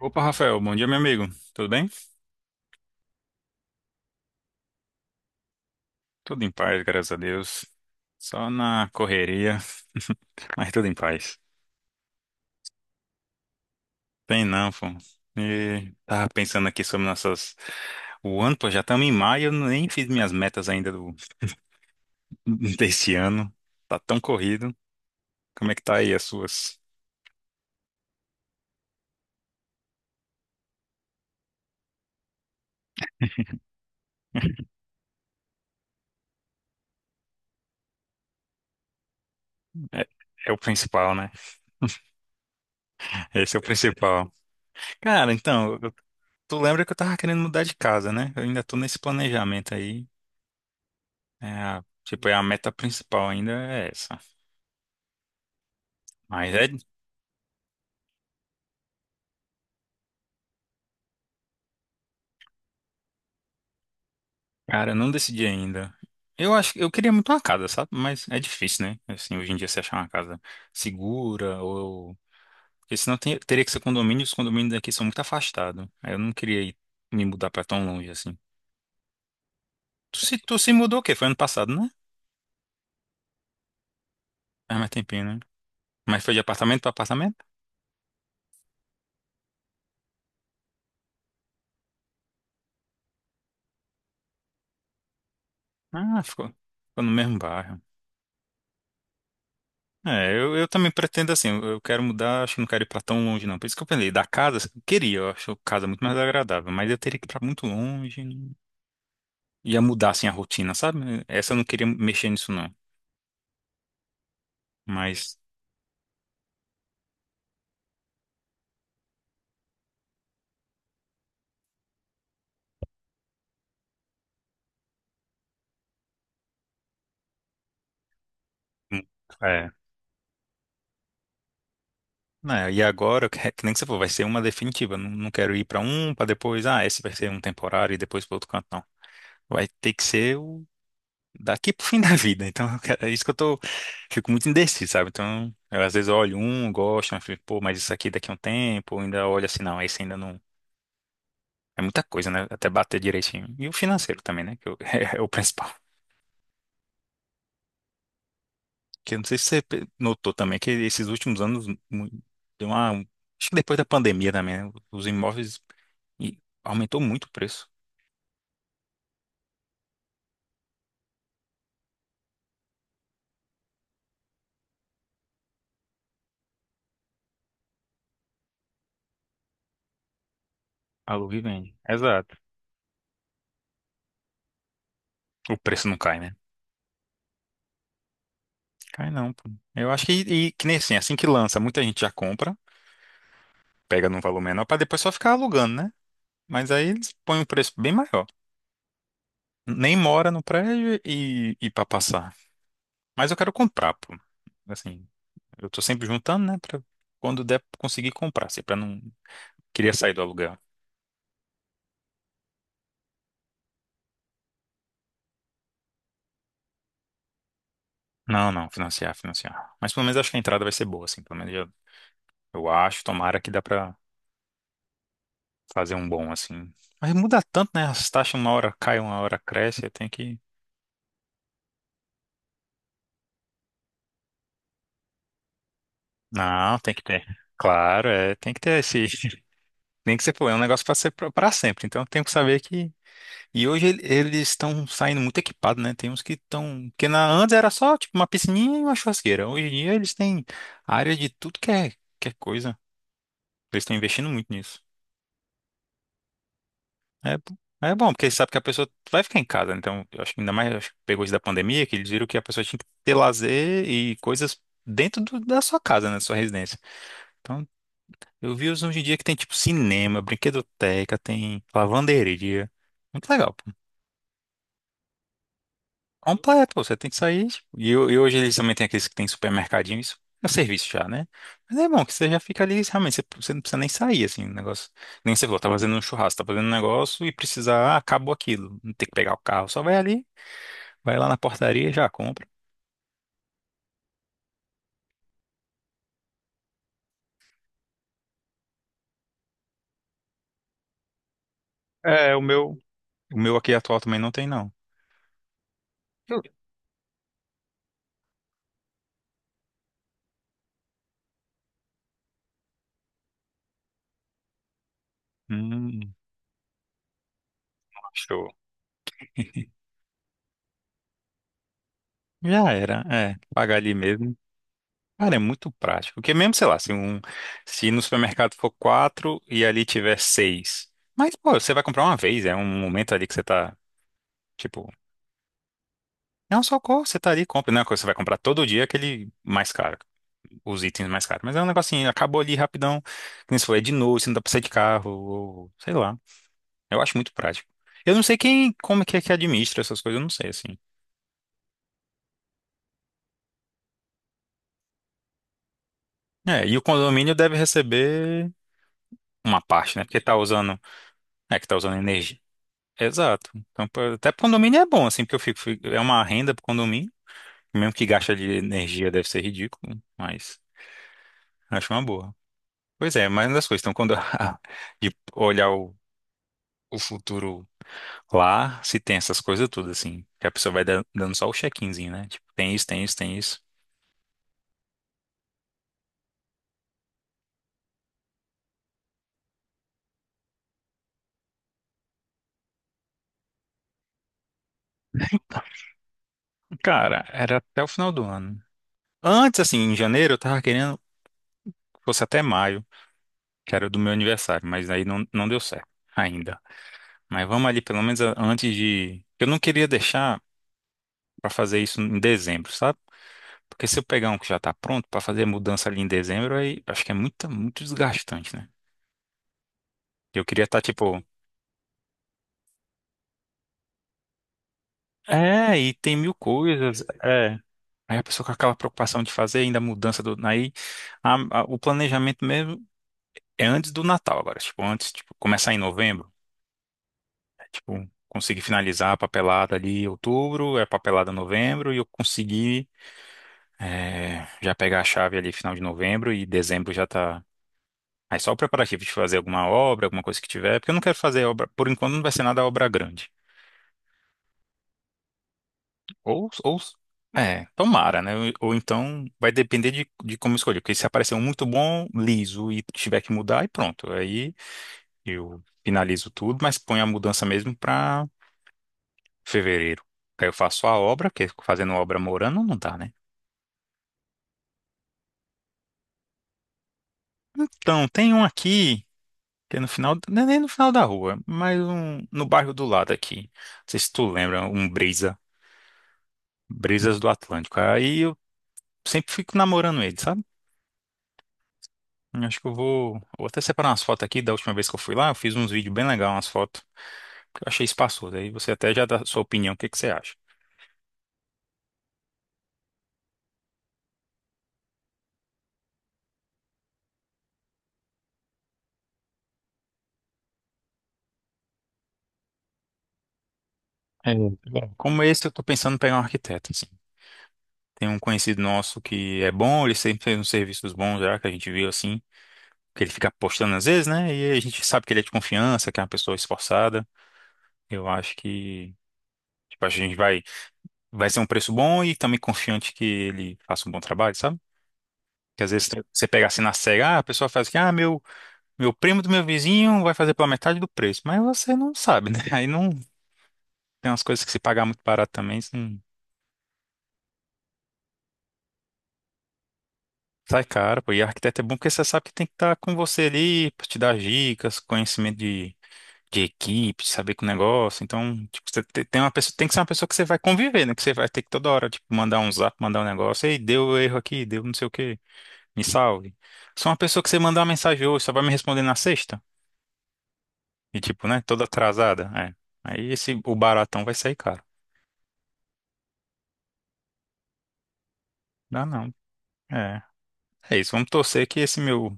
Opa, Rafael, bom dia, meu amigo. Tudo bem? Tudo em paz, graças a Deus. Só na correria, mas tudo em paz. Tem não, pô. E tava pensando aqui sobre nossas. O ano, pô, já estamos em maio, eu nem fiz minhas metas ainda desse ano. Tá tão corrido. Como é que tá aí as suas? É, é o principal, né? Esse é o principal. Cara, então, tu lembra que eu tava querendo mudar de casa, né? Eu ainda tô nesse planejamento aí. É, tipo, é a meta principal ainda é essa. Mas é. Cara, eu não decidi ainda. Eu acho que eu queria muito uma casa, sabe? Mas é difícil, né? Assim, hoje em dia você achar uma casa segura ou. Porque senão teria que ser condomínio, e os condomínios daqui são muito afastados. Aí eu não queria ir, me mudar pra tão longe assim. Tu se mudou o quê? Foi ano passado, né? Ah, mais tempinho, né? Mas foi de apartamento pra apartamento? Ah, ficou no mesmo bairro. É, eu também pretendo assim, eu quero mudar, acho que não quero ir pra tão longe, não. Por isso que eu pensei, da casa, eu queria, eu acho casa muito mais agradável, mas eu teria que ir pra muito longe, né? Ia mudar assim a rotina, sabe? Essa eu não queria mexer nisso não, mas hum, é. Né, e agora, que nem que você falou, vai ser uma definitiva. Não, não quero ir pra um, pra depois, ah, esse vai ser um temporário e depois para outro canto, não. Vai ter que ser o daqui pro fim da vida. Então, é isso que eu tô, fico muito indeciso, sabe? Então, eu, às vezes eu olho um, gosto, mas fico, pô, mas isso aqui daqui a um tempo, eu ainda olho assim, não, esse ainda não. É muita coisa, né? Até bater direitinho. E o financeiro também, né? É o principal. Que eu não sei se você notou também que esses últimos anos deu uma. Acho que depois da pandemia também, né? Os imóveis e aumentou muito o preço. Aluga e vende. Exato. O preço não cai, né? Cai não, pô. Eu acho que, e, que nem assim, assim que lança, muita gente já compra, pega num valor menor pra depois só ficar alugando, né? Mas aí eles põem um preço bem maior. Nem mora no prédio e para passar. Mas eu quero comprar, pô. Assim, eu tô sempre juntando, né? Pra quando der conseguir comprar, assim, pra não. Queria sair do aluguel. Não, não, financiar, financiar. Mas pelo menos acho que a entrada vai ser boa, assim. Pelo menos eu acho, tomara que dá pra fazer um bom, assim. Mas muda tanto, né? As taxas uma hora caem, uma hora cresce, eu tenho que. Não, tem que ter. Claro, é, tem que ter esse. Nem que você for, é um negócio pra ser pra sempre. Então tem que saber que. E hoje eles estão saindo muito equipados, né? Tem uns que estão. Porque na, antes era só tipo uma piscininha e uma churrasqueira. Hoje em dia eles têm área de tudo que é coisa. Eles estão investindo muito nisso. É, é bom, porque sabe que a pessoa vai ficar em casa, né? Então eu acho que ainda mais eu acho que pegou isso da pandemia, que eles viram que a pessoa tinha que ter lazer e coisas dentro do- da sua casa, né? Da sua residência. Então, eu vi os hoje em dia que tem tipo cinema, brinquedoteca, tem lavanderia. Muito legal, pô. Completo, pô, você tem que sair. Tipo, E hoje eles também têm aqueles que tem supermercadinho, isso é um serviço já, né? Mas é bom que você já fica ali, realmente, você não precisa nem sair, assim, o negócio. Nem você falou, tá fazendo um churrasco, tá fazendo um negócio e precisar, ah, acabou aquilo. Não tem que pegar o carro, só vai ali. Vai lá na portaria e já compra. É, o meu aqui atual também não tem, não. Hum, show. Já era, é, pagar ali mesmo. Cara, é muito prático. Porque mesmo, sei lá, se, um, se no supermercado for quatro e ali tiver seis. Mas, pô, você vai comprar uma vez, é um momento ali que você tá, tipo, é um socorro, você tá ali, e compra. Não é uma coisa que você vai comprar todo dia aquele mais caro, os itens mais caros. Mas é um negocinho, acabou ali rapidão, que nem você falou, é de noite, você não dá pra sair de carro, ou, sei lá. Eu acho muito prático. Eu não sei quem, como que é que administra essas coisas, eu não sei, assim. É, e o condomínio deve receber uma parte, né? Porque tá usando, é que tá usando energia. Exato. Então, até pro condomínio é bom, assim, porque eu é uma renda pro condomínio, mesmo que gasta de energia deve ser ridículo, mas acho uma boa. Pois é, mas uma das coisas, então, quando de olhar o futuro lá, se tem essas coisas tudo assim, que a pessoa vai dando só o check-inzinho, né? Tipo, tem isso, tem isso, tem isso. Cara, era até o final do ano. Antes, assim, em janeiro, eu tava querendo que fosse até maio, que era do meu aniversário, mas aí não deu certo ainda. Mas vamos ali, pelo menos antes de. Eu não queria deixar pra fazer isso em dezembro, sabe? Porque se eu pegar um que já tá pronto pra fazer mudança ali em dezembro, aí acho que é muito, muito desgastante, né? Eu queria estar, tipo. É, e tem mil coisas. É. Aí a pessoa com aquela preocupação de fazer ainda a mudança do. Aí o planejamento mesmo é antes do Natal agora. Tipo, antes, tipo, começar em novembro. É, tipo, consegui finalizar a papelada ali em outubro, é papelada em novembro, e eu consegui já pegar a chave ali final de novembro e dezembro já tá. Aí só o preparativo de fazer alguma obra, alguma coisa que tiver, porque eu não quero fazer obra, por enquanto não vai ser nada obra grande. Ou é, tomara, né? Ou então vai depender de como escolher, porque se aparecer um muito bom, liso, e tiver que mudar, e pronto. Aí eu finalizo tudo, mas ponho a mudança mesmo pra fevereiro. Aí eu faço a obra, porque fazendo obra morando não dá, né? Então, tem um aqui, que é no final, não é nem no final da rua, mas um, no bairro do lado aqui. Não sei se tu lembra, Brisas do Atlântico. Aí eu sempre fico namorando ele, sabe? Eu acho que eu vou até separar umas fotos aqui da última vez que eu fui lá, eu fiz uns vídeos bem legais, umas fotos. Eu achei espaçoso. Aí você até já dá a sua opinião, o que que você acha? É, bom, como esse, eu tô pensando em pegar um arquiteto, assim. Tem um conhecido nosso que é bom, ele sempre fez uns serviços bons já, que a gente viu, assim, que ele fica postando às vezes, né? E a gente sabe que ele é de confiança, que é uma pessoa esforçada. Eu acho que, tipo, a gente vai ser um preço bom e também confiante que ele faça um bom trabalho, sabe? Que às vezes você pega assim na cega, ah, a pessoa faz que, ah, meu primo do meu vizinho vai fazer pela metade do preço. Mas você não sabe, né? Aí não tem umas coisas que se pagar muito barato também, isso não sai caro, pô. E arquiteto é bom porque você sabe que tem que estar com você ali pra te dar dicas, conhecimento de equipe, de saber com o negócio. Então, tipo, tem uma pessoa, tem que ser uma pessoa que você vai conviver, né? Que você vai ter que toda hora, tipo, mandar um zap, mandar um negócio, ei, deu erro aqui, deu não sei o quê, me salve. Só uma pessoa que você mandar uma mensagem hoje, só vai me responder na sexta. E tipo, né? Toda atrasada. É. Aí esse, o baratão vai sair caro. Dá não. É. É isso. Vamos torcer que esse meu,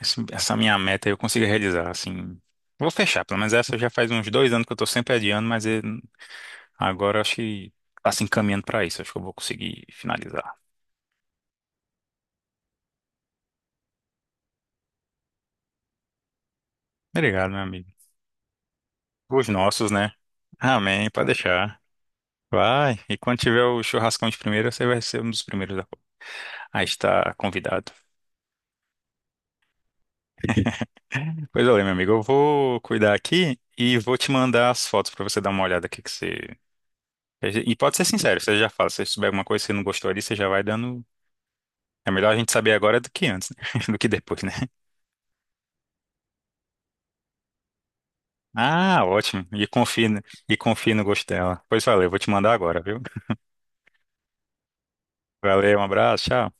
esse- essa minha meta eu consiga realizar, assim. Vou fechar, pelo menos essa já faz uns 2 anos que eu tô sempre adiando, mas agora eu acho que tá se encaminhando pra isso. Acho que eu vou conseguir finalizar. Obrigado, meu amigo. Os nossos, né? Amém, pode deixar. Vai. E quando tiver o churrascão de primeira, você vai ser um dos primeiros a estar convidado. Pois olha, meu amigo, eu vou cuidar aqui e vou te mandar as fotos pra você dar uma olhada aqui que você. E pode ser sincero, você já fala, se você souber alguma coisa que você não gostou ali, você já vai dando. É melhor a gente saber agora do que antes, né? do que depois, né? Ah, ótimo. E confie no gosto dela. Pois valeu, vou te mandar agora, viu? Valeu, um abraço, tchau.